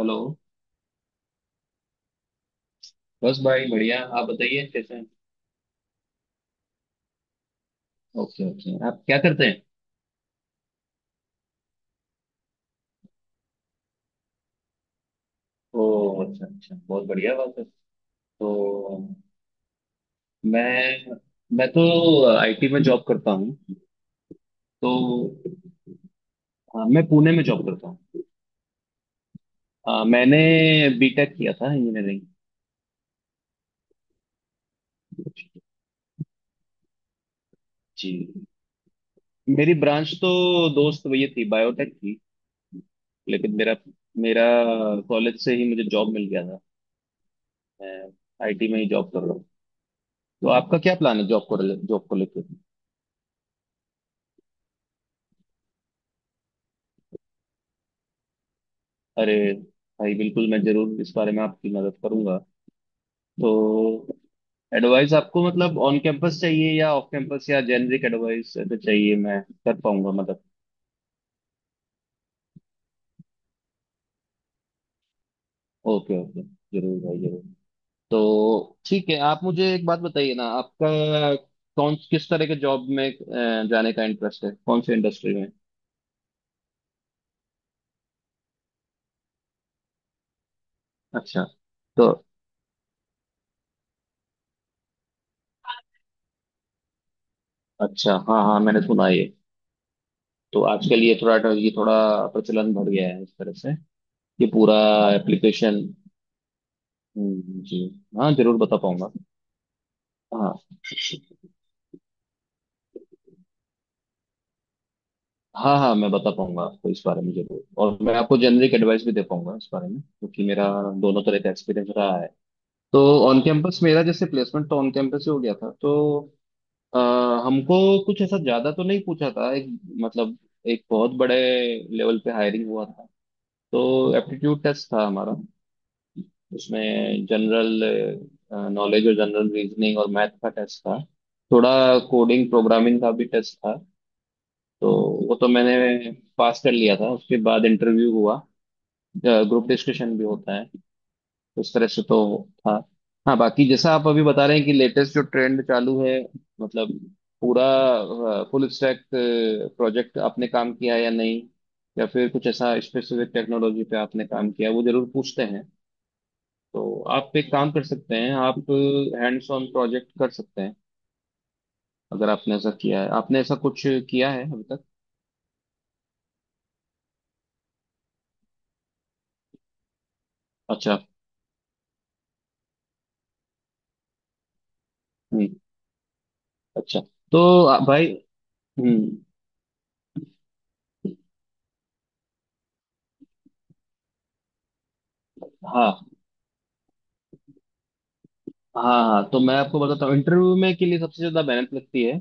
Hello. बस भाई बढ़िया, आप बताइए कैसे हैं। ओके ओके, आप क्या करते हैं। ओ अच्छा अच्छा, बहुत बढ़िया बात है। तो मैं मैं तो आईटी में जॉब करता हूँ। तो हाँ, मैं पुणे में जॉब करता हूँ। हाँ, मैंने बीटेक किया था इंजीनियरिंग। जी, मेरी ब्रांच तो दोस्त ये थी बायोटेक की। लेकिन मेरा मेरा कॉलेज से ही मुझे जॉब मिल गया था। मैं आईटी में ही जॉब कर रहा हूँ। तो आपका क्या प्लान है जॉब को, जॉब को लेकर। अरे भाई, बिल्कुल मैं जरूर इस बारे में आपकी मदद करूंगा। तो एडवाइस आपको मतलब ऑन कैंपस चाहिए या ऑफ कैंपस या जेनरिक एडवाइस, तो चाहिए मैं कर पाऊंगा मदद। ओके ओके, जरूर भाई जरूर। तो ठीक है, आप मुझे एक बात बताइए ना, आपका कौन किस तरह के जॉब में जाने का इंटरेस्ट है, कौन से इंडस्ट्री में। अच्छा, तो अच्छा हाँ हाँ, मैंने सुना ये। तो आजकल ये थोड़ा प्रचलन बढ़ गया है इस तरह से। ये पूरा एप्लीकेशन। जी, हाँ जरूर बता पाऊंगा। हाँ, हाँ हाँ मैं बता पाऊंगा आपको इस बारे में जरूर, और मैं आपको जेनरिक एडवाइस भी दे पाऊंगा इस बारे में, क्योंकि मेरा दोनों तरह का एक्सपीरियंस रहा है। तो ऑन कैंपस मेरा जैसे प्लेसमेंट तो ऑन कैंपस ही हो गया था। तो अ, हमको कुछ ऐसा ज्यादा तो नहीं पूछा था। एक मतलब एक बहुत बड़े लेवल पे हायरिंग हुआ था। तो एप्टीट्यूड टेस्ट था हमारा, उसमें जनरल नॉलेज और जनरल रीजनिंग और मैथ का टेस्ट था, थोड़ा कोडिंग प्रोग्रामिंग का भी टेस्ट था। तो वो तो मैंने पास कर लिया था, उसके बाद इंटरव्यू हुआ। ग्रुप डिस्कशन भी होता है उस तरह से, तो था। हाँ, बाकी जैसा आप अभी बता रहे हैं कि लेटेस्ट जो ट्रेंड चालू है, मतलब पूरा फुल स्टैक प्रोजेक्ट आपने काम किया है या नहीं, या फिर कुछ ऐसा स्पेसिफिक टेक्नोलॉजी पे आपने काम किया, वो जरूर पूछते हैं। तो आप एक काम कर सकते हैं, आप हैंड्स ऑन प्रोजेक्ट कर सकते हैं। अगर आपने ऐसा किया है, आपने ऐसा कुछ किया है अभी तक। अच्छा। हम्म। अच्छा, तो भाई। हम्म। हाँ, हाँ हाँ तो मैं आपको बताता हूँ, इंटरव्यू में के लिए सबसे ज्यादा मेहनत लगती है।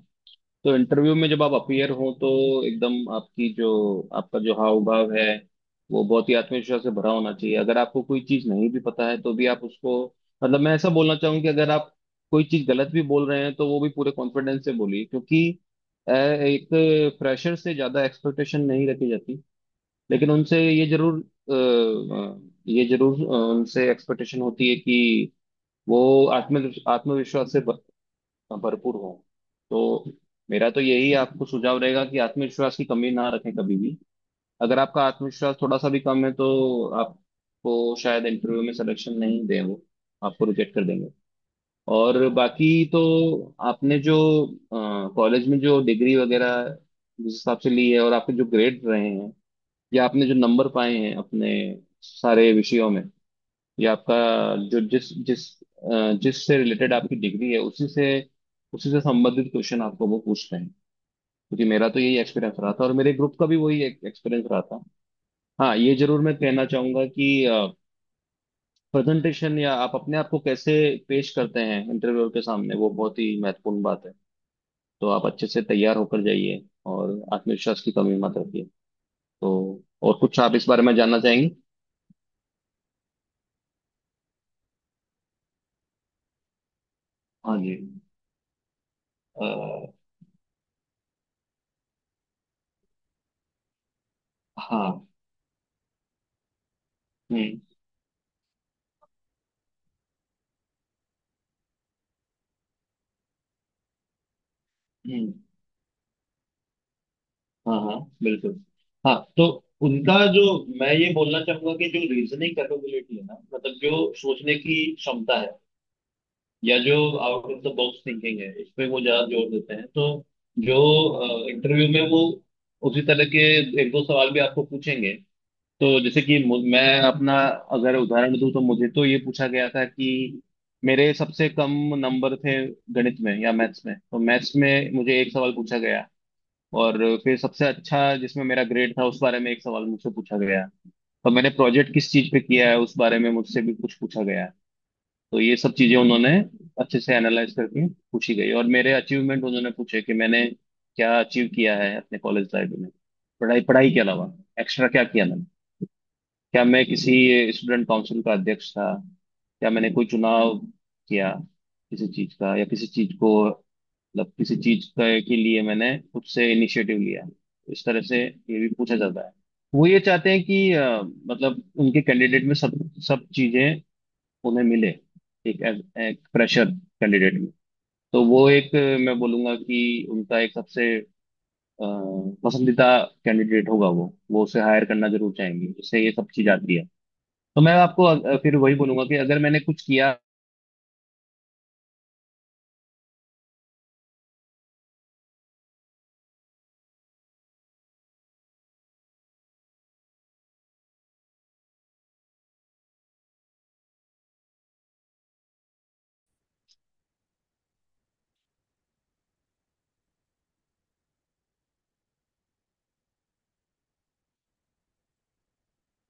तो इंटरव्यू में जब आप अपीयर हो तो एकदम आपकी जो, आपका जो हाव भाव है वो बहुत ही आत्मविश्वास से भरा होना चाहिए। अगर आपको कोई चीज नहीं भी पता है तो भी आप उसको, मतलब मैं ऐसा बोलना चाहूँ कि अगर आप कोई चीज गलत भी बोल रहे हैं तो वो भी पूरे कॉन्फिडेंस से बोलिए, क्योंकि एक प्रेशर से ज्यादा एक्सपेक्टेशन नहीं रखी जाती। लेकिन उनसे ये जरूर अ, अ, ये जरूर उनसे एक्सपेक्टेशन होती है कि वो आत्मविश्वास से भरपूर हो। तो मेरा तो यही आपको सुझाव रहेगा कि आत्मविश्वास की कमी ना रखें कभी भी। अगर आपका आत्मविश्वास थोड़ा सा भी कम है तो आपको शायद इंटरव्यू में सिलेक्शन नहीं दें, वो आपको रिजेक्ट कर देंगे। और बाकी तो आपने जो कॉलेज में जो डिग्री वगैरह जिस हिसाब से ली है, और आपके जो ग्रेड रहे हैं या आपने जो नंबर पाए हैं अपने सारे विषयों में, या आपका जो जिस जिस जिस से रिलेटेड आपकी डिग्री है, उसी से संबंधित क्वेश्चन आपको वो पूछते हैं। क्योंकि मेरा तो यही एक्सपीरियंस रहा था, और मेरे ग्रुप का भी वही एक एक्सपीरियंस रहा था। हाँ, ये जरूर मैं कहना चाहूंगा कि प्रेजेंटेशन, या आप अपने आप को कैसे पेश करते हैं इंटरव्यूअर के सामने, वो बहुत ही महत्वपूर्ण बात है। तो आप अच्छे से तैयार होकर जाइए और आत्मविश्वास की कमी मत रखिए। तो और कुछ आप इस बारे में जानना चाहेंगे। हाँ जी। अ, हाँ। हम्म। हम्म। हाँ हाँ बिल्कुल। हाँ, तो उनका जो, मैं ये बोलना चाहूंगा कि जो रीजनिंग कैपेबिलिटी है ना, मतलब जो सोचने की क्षमता है, या जो out of the box thinking है, इसमें वो ज्यादा जोर देते हैं। तो जो इंटरव्यू में वो उसी तरह के एक दो सवाल भी आपको पूछेंगे। तो जैसे कि मैं अपना अगर उदाहरण दूं तो मुझे तो ये पूछा गया था कि मेरे सबसे कम नंबर थे गणित में या मैथ्स में, तो मैथ्स में मुझे एक सवाल पूछा गया। और फिर सबसे अच्छा जिसमें मेरा ग्रेड था, उस बारे में एक सवाल मुझसे पूछा गया। और मैंने प्रोजेक्ट किस चीज पे किया है उस बारे में मुझसे भी कुछ पूछा गया है। तो ये सब चीजें उन्होंने अच्छे से एनालाइज करके पूछी गई। और मेरे अचीवमेंट उन्होंने पूछे कि मैंने क्या अचीव किया है अपने कॉलेज लाइफ में, पढ़ाई पढ़ाई के अलावा एक्स्ट्रा क्या किया, क्या मैं किसी स्टूडेंट काउंसिल का अध्यक्ष था, क्या मैंने कोई चुनाव किया किसी चीज का, या किसी चीज को, मतलब किसी चीज का के लिए मैंने खुद से इनिशिएटिव लिया। इस तरह से ये भी पूछा जाता है। वो ये चाहते हैं कि मतलब उनके कैंडिडेट में सब सब चीजें उन्हें मिले, एक, एक प्रेशर कैंडिडेट में। तो वो एक, मैं बोलूंगा कि उनका एक सबसे अ, पसंदीदा कैंडिडेट होगा, वो उसे हायर करना जरूर चाहेंगे। उससे ये सब चीज आती है। तो मैं आपको फिर वही बोलूंगा कि अगर मैंने कुछ किया।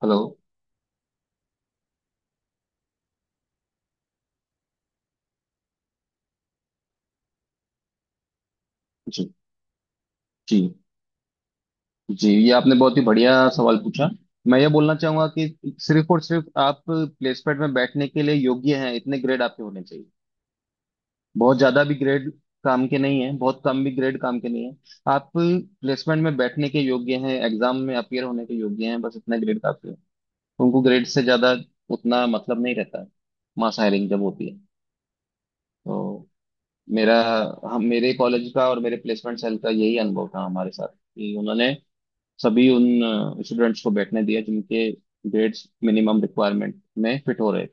हेलो। जी। जी जी, ये आपने बहुत ही बढ़िया सवाल पूछा। मैं ये बोलना चाहूंगा कि सिर्फ और सिर्फ आप प्लेसमेंट में बैठने के लिए योग्य हैं इतने ग्रेड आपके होने चाहिए। बहुत ज्यादा भी ग्रेड काम के नहीं है, बहुत कम भी ग्रेड काम के नहीं है। आप प्लेसमेंट में बैठने के योग्य हैं, एग्जाम में अपियर होने के योग्य हैं, बस इतना ग्रेड काफी है। उनको ग्रेड से ज्यादा उतना मतलब नहीं रहता है। मास हायरिंग जब होती है तो मेरा, हम मेरे कॉलेज का और मेरे प्लेसमेंट सेल का यही अनुभव था हमारे साथ कि उन्होंने सभी उन स्टूडेंट्स को बैठने दिया जिनके ग्रेड्स मिनिमम रिक्वायरमेंट में फिट हो रहे थे।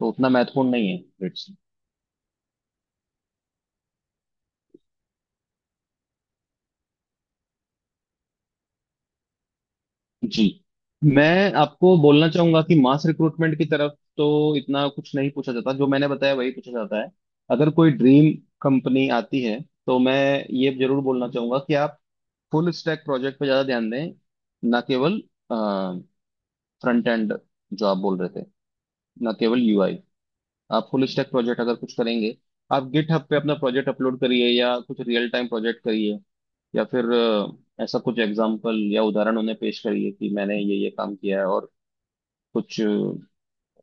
तो उतना महत्वपूर्ण नहीं है ग्रेड्स। जी, मैं आपको बोलना चाहूंगा कि मास रिक्रूटमेंट की तरफ तो इतना कुछ नहीं पूछा जाता, जो मैंने बताया वही पूछा जाता है। अगर कोई ड्रीम कंपनी आती है तो मैं ये जरूर बोलना चाहूंगा कि आप फुल स्टैक प्रोजेक्ट पे ज्यादा ध्यान दें। ना केवल फ्रंट एंड जो आप बोल रहे थे, ना केवल यूआई, आप फुल स्टैक प्रोजेक्ट अगर कुछ करेंगे, आप गिटहब पे अपना प्रोजेक्ट अपलोड करिए या कुछ रियल टाइम प्रोजेक्ट करिए। या फिर ऐसा कुछ एग्जाम्पल या उदाहरण उन्हें पेश करिए कि मैंने ये काम किया है और कुछ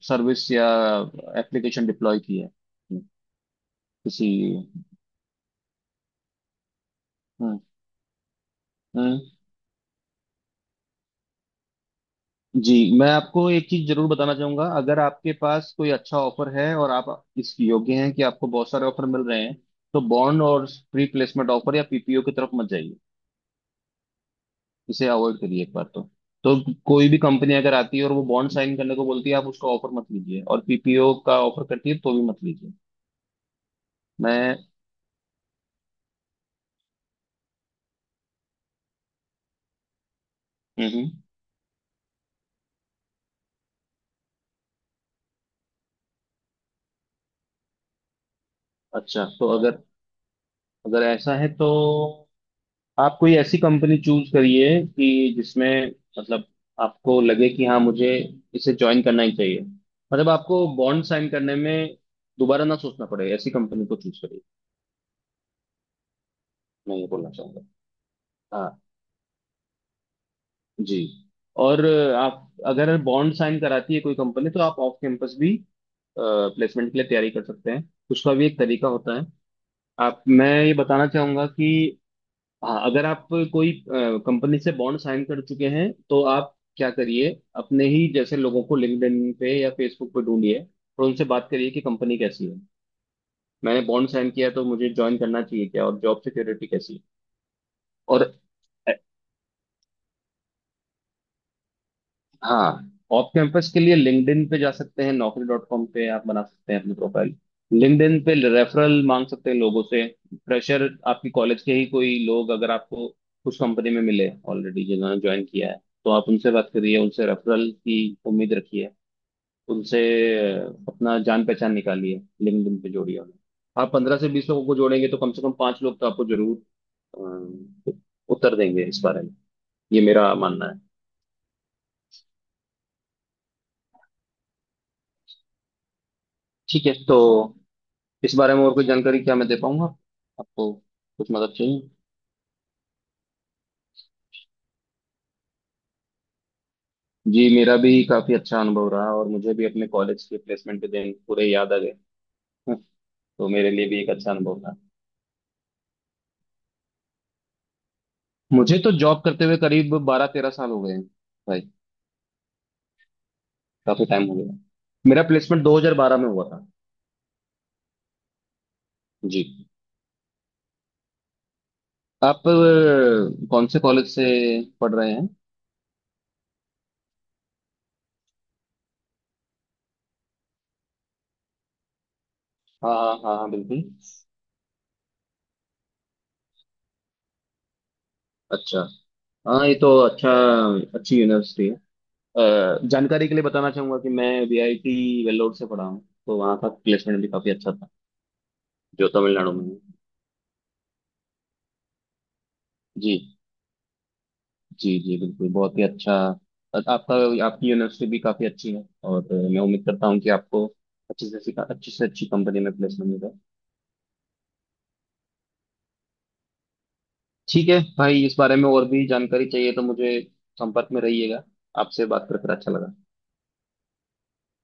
सर्विस या एप्लीकेशन डिप्लॉय की है। किसी। हम्म। हम्म। जी, मैं आपको एक चीज जरूर बताना चाहूंगा, अगर आपके पास कोई अच्छा ऑफर है और आप इस योग्य हैं कि आपको बहुत सारे ऑफर मिल रहे हैं, तो बॉन्ड और प्री प्लेसमेंट ऑफर या पीपीओ की तरफ मत जाइए, इसे अवॉइड करिए एक बार तो। तो कोई भी कंपनी अगर आती है और वो बॉन्ड साइन करने को बोलती है, आप उसका ऑफर मत लीजिए, और पीपीओ का ऑफर करती है तो भी मत लीजिए। मैं। हम्म। अच्छा, तो अगर अगर ऐसा है तो आप कोई ऐसी कंपनी चूज करिए कि जिसमें, मतलब आपको लगे कि हाँ, मुझे इसे ज्वाइन करना ही चाहिए, मतलब आपको बॉन्ड साइन करने में दोबारा ना सोचना पड़े, ऐसी कंपनी को चूज करिए। मैं ये बोलना चाहूंगा, हाँ जी। और आप अगर बॉन्ड साइन कराती है कोई कंपनी तो आप ऑफ कैंपस भी प्लेसमेंट के लिए तैयारी कर सकते हैं, उसका भी एक तरीका होता है। आप, मैं ये बताना चाहूंगा कि हाँ, अगर आप कोई कंपनी से बॉन्ड साइन कर चुके हैं तो आप क्या करिए, अपने ही जैसे लोगों को लिंक्डइन पे या फेसबुक पे ढूंढिए और उनसे बात करिए कि कंपनी कैसी है, मैंने बॉन्ड साइन किया है, तो मुझे ज्वाइन करना चाहिए क्या, और जॉब सिक्योरिटी कैसी है। और हाँ, ऑफ कैंपस के लिए लिंक्डइन पे जा सकते हैं, नौकरी डॉट कॉम पे आप बना सकते हैं अपनी प्रोफाइल, लिंक्डइन पे रेफरल मांग सकते हैं लोगों से। फ्रेशर आपकी कॉलेज के ही कोई लोग अगर आपको उस कंपनी में मिले ऑलरेडी जिन्होंने ज्वाइन किया है, तो आप उनसे बात करिए, उनसे रेफरल की उम्मीद रखिए, उनसे अपना जान पहचान निकालिए, लिंक्डइन पे जोड़िए उन्हें। आप पंद्रह से बीस लोगों को जोड़ेंगे तो कम से कम पांच लोग तो आपको जरूर अ, उत्तर देंगे इस बारे में, ये मेरा मानना है। ठीक है, तो इस बारे में और कोई जानकारी क्या मैं दे पाऊंगा आपको, कुछ मदद चाहिए। जी, मेरा भी काफी अच्छा अनुभव रहा और मुझे भी अपने कॉलेज के प्लेसमेंट के दिन पूरे याद आ गए। हम्म, तो मेरे लिए भी एक अच्छा अनुभव था। मुझे तो जॉब करते हुए करीब बारह तेरह साल हो गए हैं भाई। काफी टाइम हो गया, मेरा प्लेसमेंट 2012 में हुआ था। जी, आप कौन से कॉलेज से पढ़ रहे हैं। हाँ हाँ हाँ हाँ, बिल्कुल। अच्छा, हाँ ये तो अच्छा, अच्छी यूनिवर्सिटी। अ, जानकारी के लिए बताना चाहूंगा कि मैं वीआईटी वेल्लोर से पढ़ा हूँ, तो वहाँ का प्लेसमेंट भी काफी अच्छा था, जो तमिलनाडु में है। जी जी, जी बिल्कुल, बहुत ही अच्छा। आपका, आपकी यूनिवर्सिटी भी काफी अच्छी है, और मैं उम्मीद करता हूँ कि आपको अच्छे से अच्छी से अच्छी कंपनी में प्लेसमेंट मिलेगा। ठीक है भाई, इस बारे में और भी जानकारी चाहिए तो मुझे संपर्क में रहिएगा। आपसे बात कर कर अच्छा लगा।